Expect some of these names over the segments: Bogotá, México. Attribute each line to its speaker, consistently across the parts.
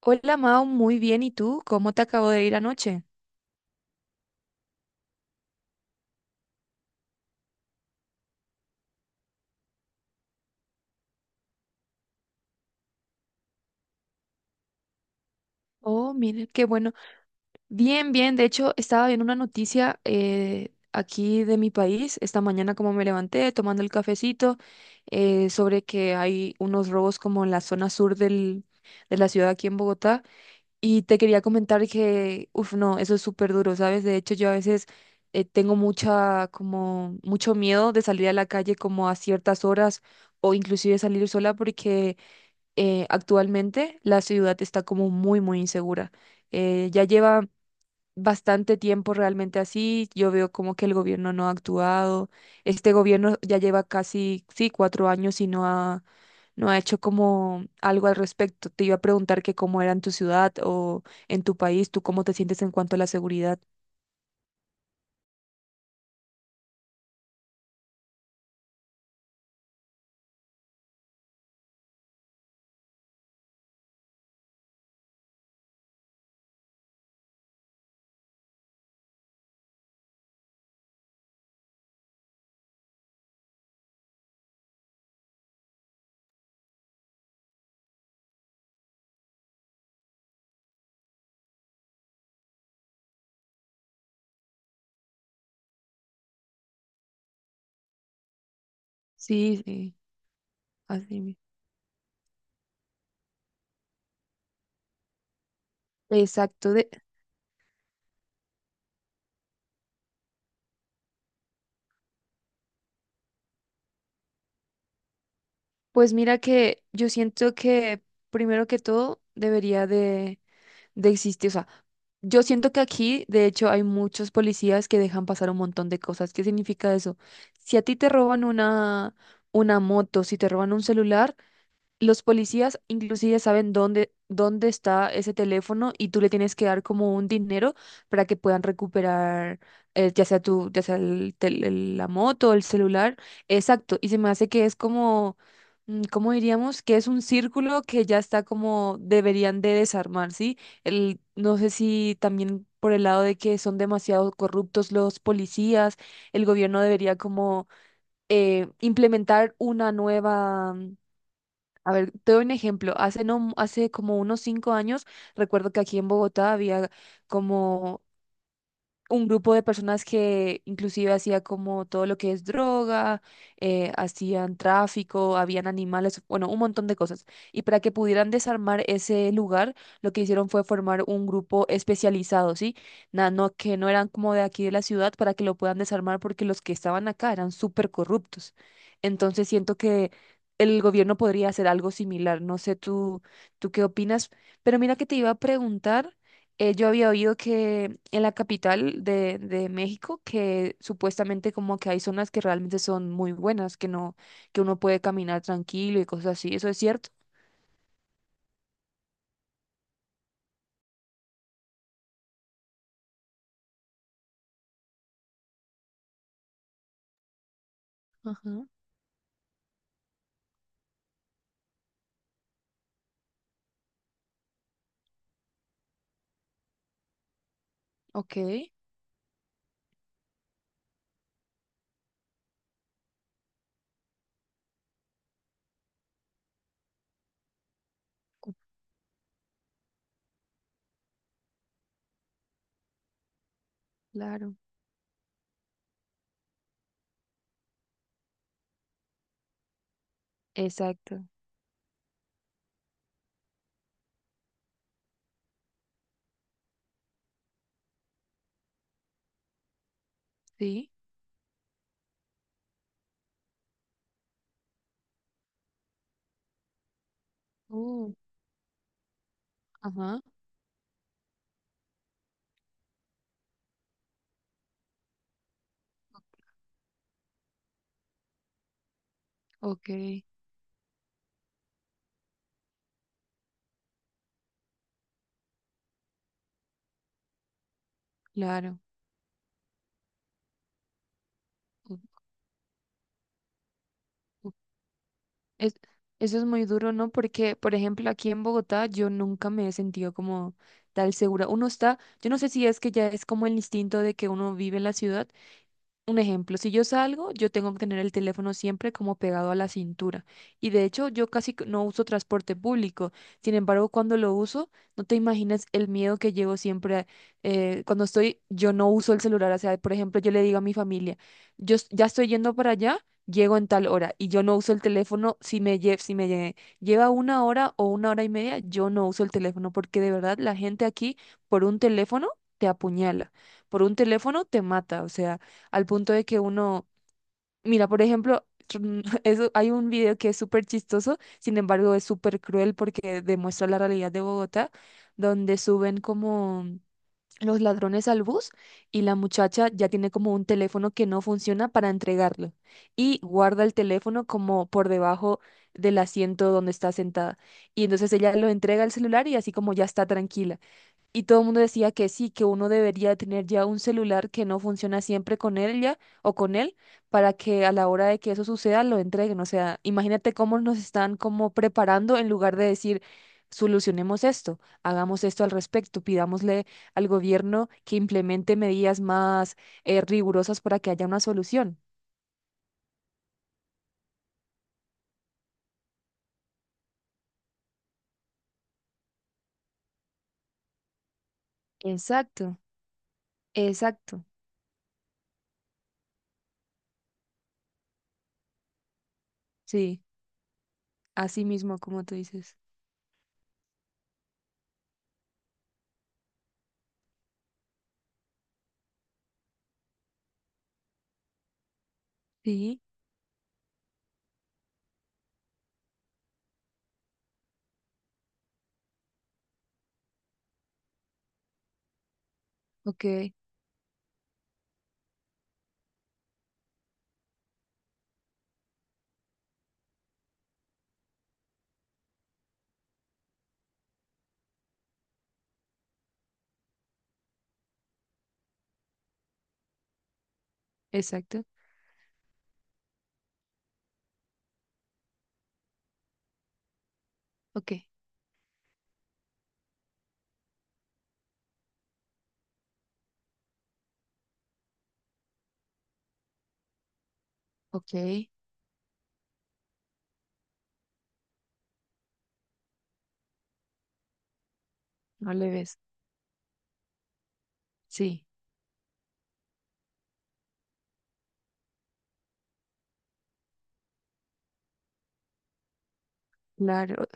Speaker 1: Hola Mao, muy bien. ¿Y tú? ¿Cómo te acabo de ir anoche? Oh, mira, qué bueno. Bien, bien. De hecho, estaba viendo una noticia aquí de mi país, esta mañana como me levanté tomando el cafecito, sobre que hay unos robos como en la zona sur de la ciudad aquí en Bogotá. Y te quería comentar que, uff, no, eso es súper duro, ¿sabes? De hecho, yo a veces tengo mucha, como, mucho miedo de salir a la calle como a ciertas horas o inclusive salir sola porque actualmente la ciudad está como muy, muy insegura. Ya lleva bastante tiempo realmente así. Yo veo como que el gobierno no ha actuado. Este gobierno ya lleva casi, sí, 4 años y no ha hecho como algo al respecto. Te iba a preguntar que cómo era en tu ciudad o en tu país, tú cómo te sientes en cuanto a la seguridad. Sí, sí, así. Exacto. Pues mira que yo siento que primero que todo debería de existir. O sea, yo siento que aquí, de hecho, hay muchos policías que dejan pasar un montón de cosas. ¿Qué significa eso? Si a ti te roban una moto, si te roban un celular, los policías inclusive saben dónde está ese teléfono y tú le tienes que dar como un dinero para que puedan recuperar ya sea tu, ya sea la moto, el celular. Exacto. Y se me hace que es como, mm, ¿cómo diríamos? Que es un círculo que ya está como deberían de desarmar, ¿sí? El, no sé si también por el lado de que son demasiado corruptos los policías, el gobierno debería como implementar una nueva, a ver, te doy un ejemplo. Hace, no, hace como unos 5 años, recuerdo que aquí en Bogotá había como un grupo de personas que inclusive hacía como todo lo que es droga, hacían tráfico, habían animales, bueno, un montón de cosas. Y para que pudieran desarmar ese lugar, lo que hicieron fue formar un grupo especializado, ¿sí? Que no eran como de aquí de la ciudad para que lo puedan desarmar porque los que estaban acá eran súper corruptos. Entonces siento que el gobierno podría hacer algo similar. No sé tú, tú qué opinas, pero mira que te iba a preguntar. Yo había oído que en la capital de México, que supuestamente como que hay zonas que realmente son muy buenas, que no, que uno puede caminar tranquilo y cosas así. ¿Eso es cierto? Ajá, ok, cu- claro, exacto. Sí. uh, ajá, ok, claro. u- u- Es, eso es muy duro, ¿no? Porque, por ejemplo, aquí en Bogotá yo nunca me he sentido como tal segura. Uno está, yo no sé si es que ya es como el instinto de que uno vive en la ciudad. Un ejemplo, si yo salgo, yo tengo que tener el teléfono siempre como pegado a la cintura. Y de hecho, yo casi que no uso transporte público. Sin embargo, cuando lo uso, no te imaginas el miedo que llevo siempre. Cuando estoy, yo no uso el celular. O sea, por ejemplo, yo le digo a mi familia, ya estoy yendo para allá, llego en tal hora y yo no uso el teléfono si me, lle- si me lle- lleva 1 hora o 1 hora y media, yo no uso el teléfono porque de verdad la gente aquí por un teléfono te apuñala, por un teléfono te mata. O sea al punto de que uno, mira, por ejemplo, eso, hay un video que es súper chistoso, sin embargo es súper cruel porque demuestra la realidad de Bogotá, donde suben como los ladrones al bus y la muchacha ya tiene como un teléfono que no funciona para entregarlo y guarda el teléfono como por debajo del asiento donde está sentada. Y entonces ella lo entrega el celular y así como ya está tranquila. Y todo el mundo decía que sí, que uno debería tener ya un celular que no funciona siempre con ella o con él para que a la hora de que eso suceda lo entreguen. O sea, imagínate cómo nos están como preparando en lugar de decir, solucionemos esto, hagamos esto al respecto, pidámosle al gobierno que implemente medidas más rigurosas para que haya una solución. Exacto, exacto. Sí, así mismo como tú dices. Sí, ok, exacto, ok, ok, no le ves. Sí, claro.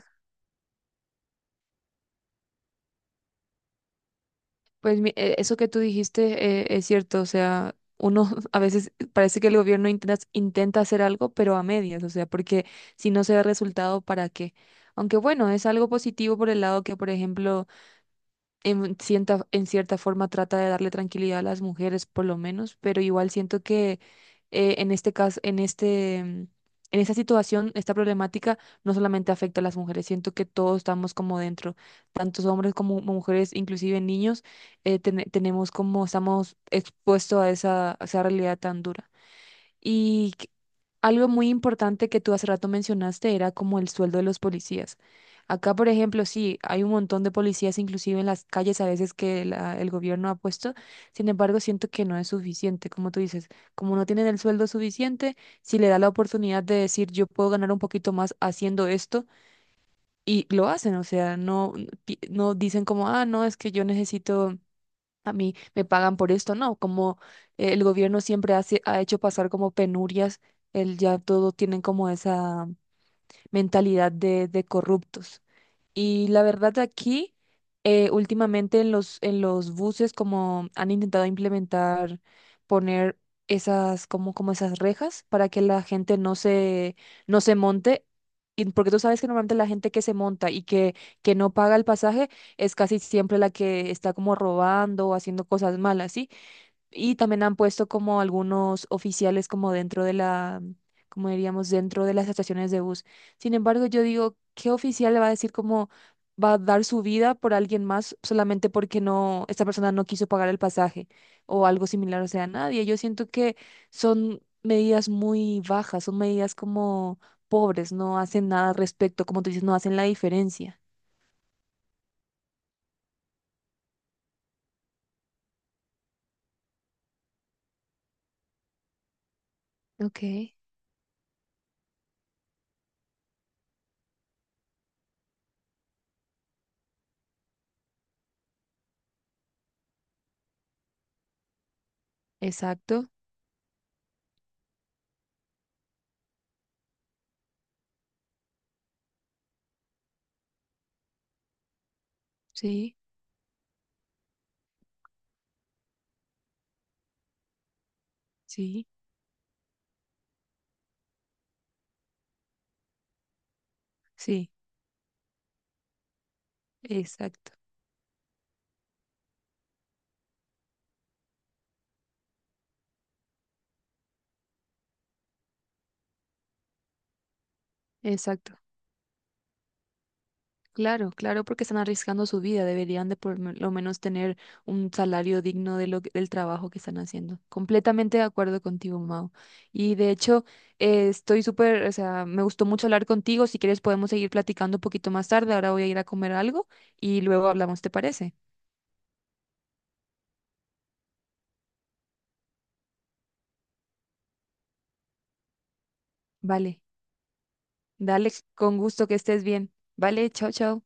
Speaker 1: Pues eso que tú dijiste, es cierto, o sea, uno a veces parece que el gobierno intenta hacer algo, pero a medias, o sea, porque si no se ve resultado, ¿para qué? Aunque bueno, es algo positivo por el lado que, por ejemplo, en cierta forma trata de darle tranquilidad a las mujeres, por lo menos, pero igual siento que en este caso, en este, mm, en esta situación, esta problemática no solamente afecta a las mujeres, siento que todos estamos como dentro, tantos hombres como mujeres, inclusive niños, tenemos como, estamos expuestos a esa realidad tan dura. Y que- algo muy importante que tú hace rato mencionaste era como el sueldo de los policías. Acá, por ejemplo, sí, hay un montón de policías, inclusive en las calles a veces que el gobierno ha puesto. Sin embargo, siento que no es suficiente, como tú dices, como no tienen el sueldo suficiente, si le da la oportunidad de decir yo puedo ganar un poquito más haciendo esto, y lo hacen, o sea, no, no dicen como, ah, no, es que yo necesito a mí me pagan por esto, no, como el gobierno siempre ha hecho pasar como penurias, el, ya todo tienen como esa mentalidad de corruptos. Y la verdad aquí, últimamente en los buses como han intentado implementar, poner esas, como, como esas rejas para que la gente no se, no se monte. Y porque tú sabes que normalmente la gente que se monta y que no paga el pasaje es casi siempre la que está como robando o haciendo cosas malas, ¿sí? Y también han puesto como algunos oficiales como dentro de la, como diríamos, dentro de las estaciones de bus. Sin embargo, yo digo, ¿qué oficial le va a decir cómo va a dar su vida por alguien más solamente porque no, esta persona no quiso pagar el pasaje o algo similar? O sea, nadie. Yo siento que son medidas muy bajas, son medidas como pobres, no hacen nada al respecto, como tú dices, no hacen la diferencia. Ok, exacto, sí, sí, sí, exacto, exacto. Claro, claro, porque están arriesgando su vida. Deberían de lo menos tener un salario digno de del trabajo que están haciendo. Completamente de acuerdo contigo, Mau. Y de hecho, estoy súper, o sea, me gustó mucho hablar contigo. Si quieres podemos seguir platicando un poquito más tarde. Ahora voy a ir a comer algo y luego hablamos, ¿te parece? Vale, dale, con gusto que estés bien. Vale, chao, chao.